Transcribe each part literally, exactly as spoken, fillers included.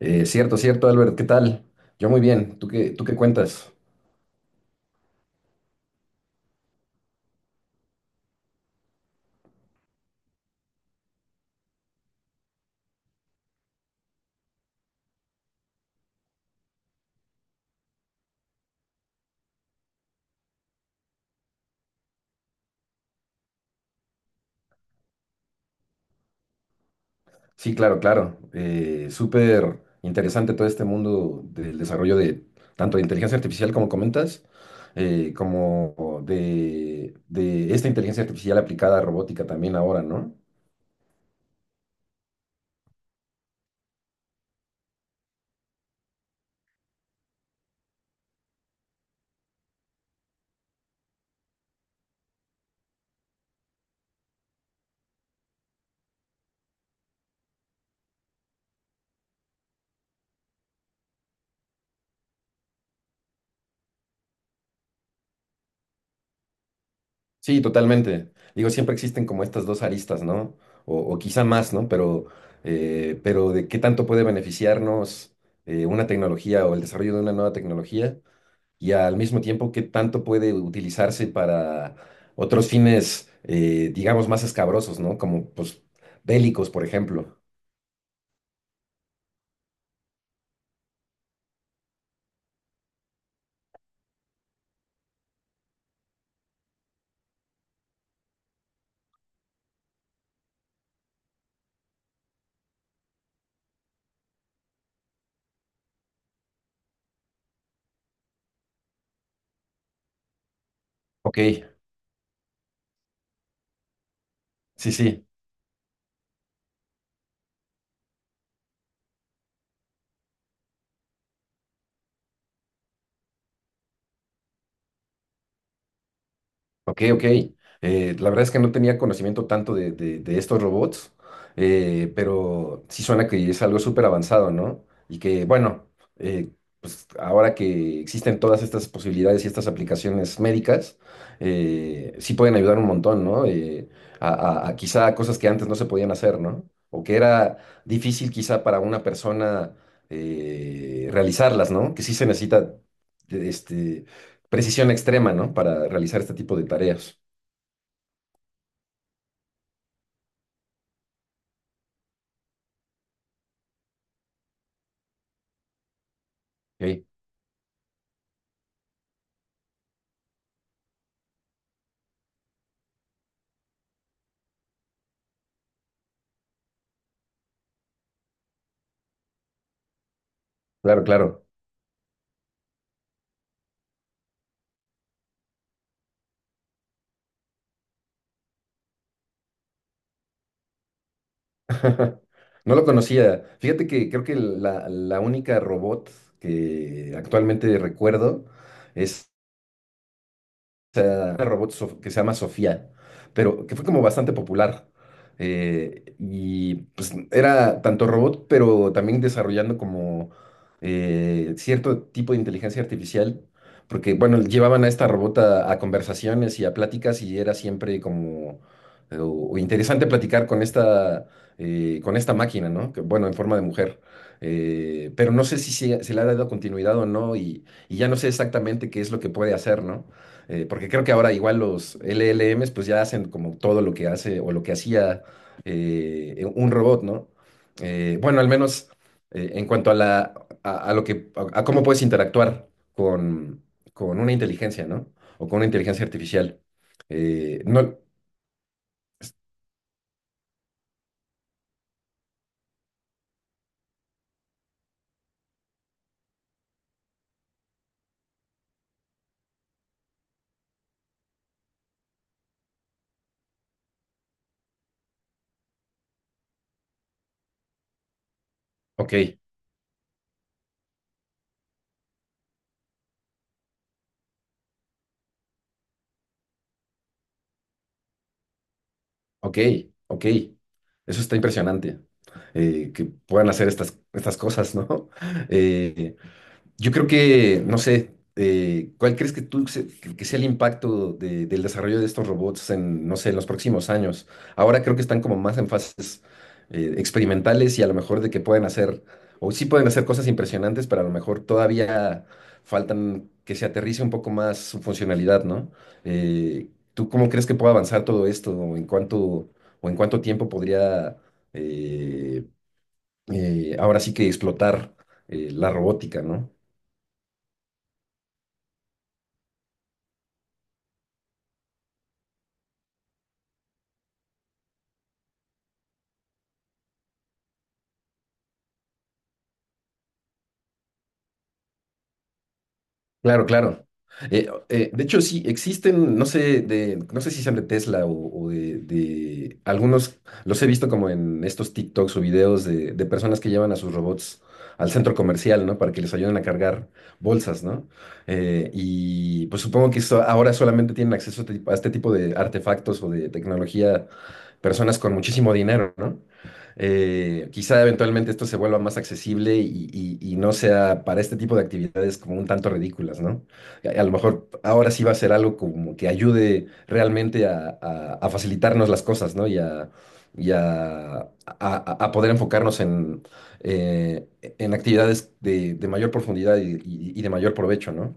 Eh, cierto, cierto, Albert, ¿qué tal? Yo muy bien, ¿tú qué, tú qué cuentas? Sí, claro, claro. Eh, súper interesante todo este mundo del desarrollo de, tanto de inteligencia artificial como comentas, eh, como de, de esta inteligencia artificial aplicada a robótica también ahora, ¿no? Sí, totalmente. Digo, siempre existen como estas dos aristas, ¿no? O, o quizá más, ¿no? Pero, eh, pero de qué tanto puede beneficiarnos eh, una tecnología o el desarrollo de una nueva tecnología, y al mismo tiempo qué tanto puede utilizarse para otros fines, eh, digamos, más escabrosos, ¿no? Como, pues, bélicos, por ejemplo. Ok, sí, sí. Ok, ok. Eh, la verdad es que no tenía conocimiento tanto de, de- de estos robots, eh, pero sí suena que es algo súper avanzado, ¿no? Y que, bueno, eh, pues ahora que existen todas estas posibilidades y estas aplicaciones médicas, eh, sí pueden ayudar un montón, ¿no? Eh, a, a- a quizá a cosas que antes no se podían hacer, ¿no? O que era difícil quizá para una persona eh, realizarlas, ¿no? Que sí se necesita este, precisión extrema, ¿no? Para realizar este tipo de tareas. Ok, claro, claro. No lo conocía. Fíjate que creo que la, la única robot que actualmente recuerdo es, sea, una robot Sof- que se llama Sofía, pero que fue como bastante popular. eh, y pues era tanto robot, pero también desarrollando como eh, cierto tipo de inteligencia artificial, porque bueno, llevaban a esta robot a, a conversaciones y a pláticas y era siempre como eh, o- o interesante platicar con esta, eh, con esta máquina, ¿no? Que, bueno, en forma de mujer. eh, pero no sé si se, se le ha dado continuidad o no y, y ya no sé exactamente qué es lo que puede hacer, ¿no? Eh, porque creo que ahora igual los L L Ms pues ya hacen como todo lo que hace o lo que hacía eh, un robot, ¿no? Eh, bueno, al menos eh, en cuanto a la, a, a lo que a, a cómo puedes interactuar con, con una inteligencia, ¿no? O con una inteligencia artificial. Eh, no, ok, ok, ok. Eso está impresionante. eh, que puedan hacer estas, estas cosas, ¿no? Eh, yo creo que, no sé, eh, ¿cuál crees que tú se- que que sea el impacto de- del desarrollo de estos robots en, no sé, en los próximos años? Ahora creo que están como más en fases eh, experimentales y a lo mejor de que pueden hacer, o sí pueden hacer cosas impresionantes, pero a lo mejor todavía faltan que se aterrice un poco más su funcionalidad, ¿no? Eh, ¿tú cómo crees que puede avanzar todo esto? ¿O en cuánto, o en cuánto tiempo podría eh, eh, ahora sí que explotar eh, la robótica, ¿no? Claro, claro. Eh, eh, de hecho, sí, existen, no sé, de, no sé si sean de Tesla o, o de, de- algunos, los he visto como en estos TikToks o videos de, de personas que llevan a sus robots al centro comercial, ¿no? Para que les ayuden a cargar bolsas, ¿no? Eh, y pues supongo que so- ahora solamente tienen acceso a este tipo, a este tipo de artefactos o de tecnología, personas con muchísimo dinero, ¿no? Eh, quizá eventualmente esto se vuelva más accesible y, y- y no sea para este tipo de actividades como un tanto ridículas, ¿no? A, a lo mejor ahora sí va a ser algo como que ayude realmente a, a- a facilitarnos las cosas, ¿no? Y a, y a, a- a- a poder enfocarnos en, eh, en actividades de, de mayor profundidad y, y- y de mayor provecho, ¿no?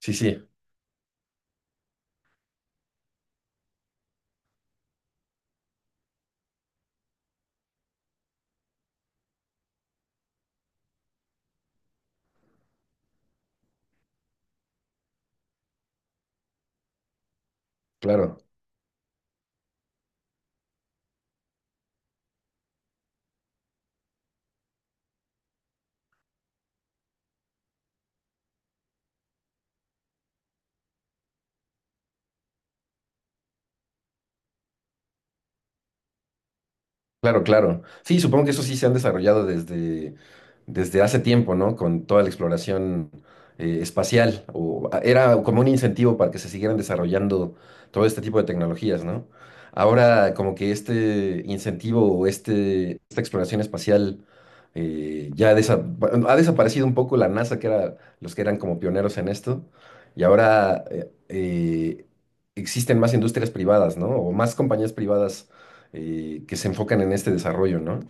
Sí, sí, claro. Claro, claro. Sí, supongo que eso sí se han desarrollado desde, desde hace tiempo, ¿no? Con toda la exploración eh, espacial. O, a- era como un incentivo para que se siguieran desarrollando todo este tipo de tecnologías, ¿no? Ahora, como que este incentivo o este, esta exploración espacial eh, ya desa- bueno, ha desaparecido un poco la NASA, que era los que eran como pioneros en esto. Y ahora eh, eh, existen más industrias privadas, ¿no? O más compañías privadas eh, que se enfocan en este desarrollo, ¿no?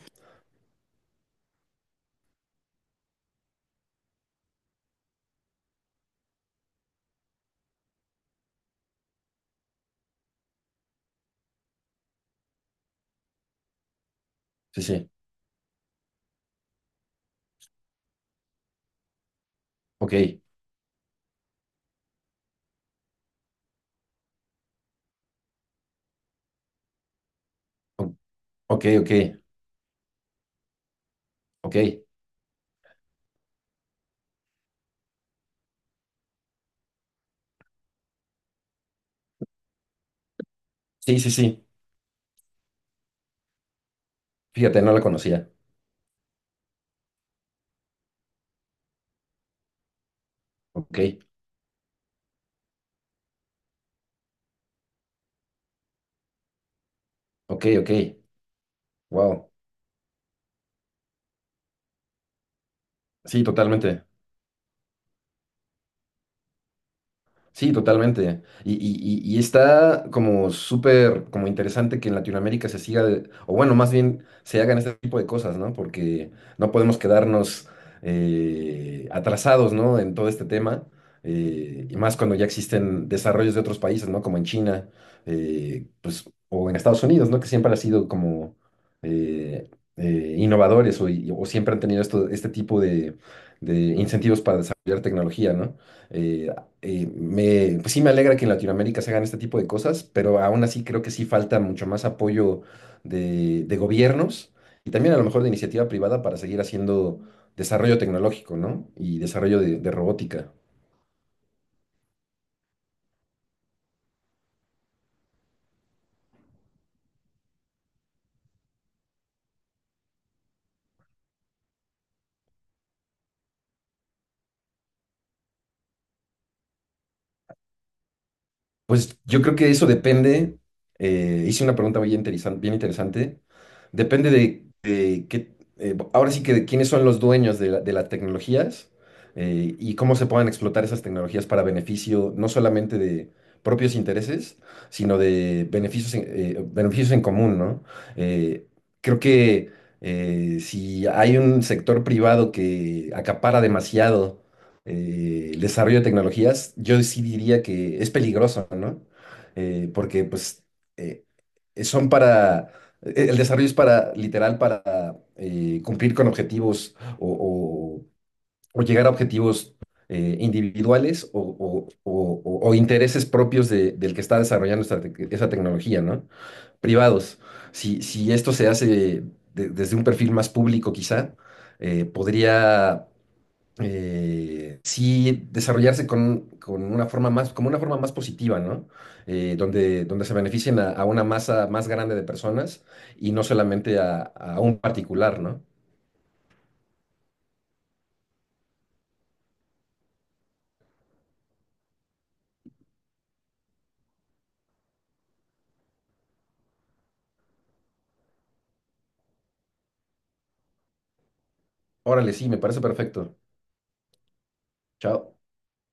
Sí, sí. Ok, o- ok, ok, ok. Sí, sí, sí. Fíjate, no la conocía. Ok, ok, ok. Wow. Sí, totalmente. Sí, totalmente. Y, y- y- y está como súper como interesante que en Latinoamérica se siga, de- o bueno, más bien se hagan este tipo de cosas, ¿no? Porque no podemos quedarnos eh, atrasados, ¿no? En todo este tema, eh, y más cuando ya existen desarrollos de otros países, ¿no? Como en China, eh, pues, o en Estados Unidos, ¿no? Que siempre han sido como eh, eh, innovadores o, y- o siempre han tenido esto, este tipo de, de incentivos para desarrollar tecnología, ¿no? Eh, eh, me, pues sí me alegra que en Latinoamérica se hagan este tipo de cosas, pero aún así creo que sí falta mucho más apoyo de, de gobiernos y también a lo mejor de iniciativa privada para seguir haciendo desarrollo tecnológico, ¿no? Y desarrollo de, de robótica. Pues yo creo que eso depende. eh, hice una pregunta muy interesante, bien interesante. Depende de, de qué, eh, ahora sí que de quiénes son los dueños de, la- de las tecnologías eh, y cómo se puedan explotar esas tecnologías para beneficio no solamente de propios intereses, sino de beneficios en, eh, beneficios en común, ¿no? Eh, creo que eh, si hay un sector privado que acapara demasiado eh, el desarrollo de tecnologías, yo sí diría que es peligroso, ¿no? Eh, porque pues eh, son para, e- el desarrollo es para, literal, para eh, cumplir con objetivos o, o- o llegar a objetivos eh, individuales o, o- o- o- o intereses propios de- del que está desarrollando esta tec- esa tecnología, ¿no? Privados. Si, si esto se hace de- desde un perfil más público, quizá, eh, podría eh, sí desarrollarse con, con una forma más, como una forma más positiva, ¿no? Eh, donde, donde se beneficien a, a una masa más grande de personas y no solamente a, a un particular, ¿no? Órale, sí, me parece perfecto. Chao.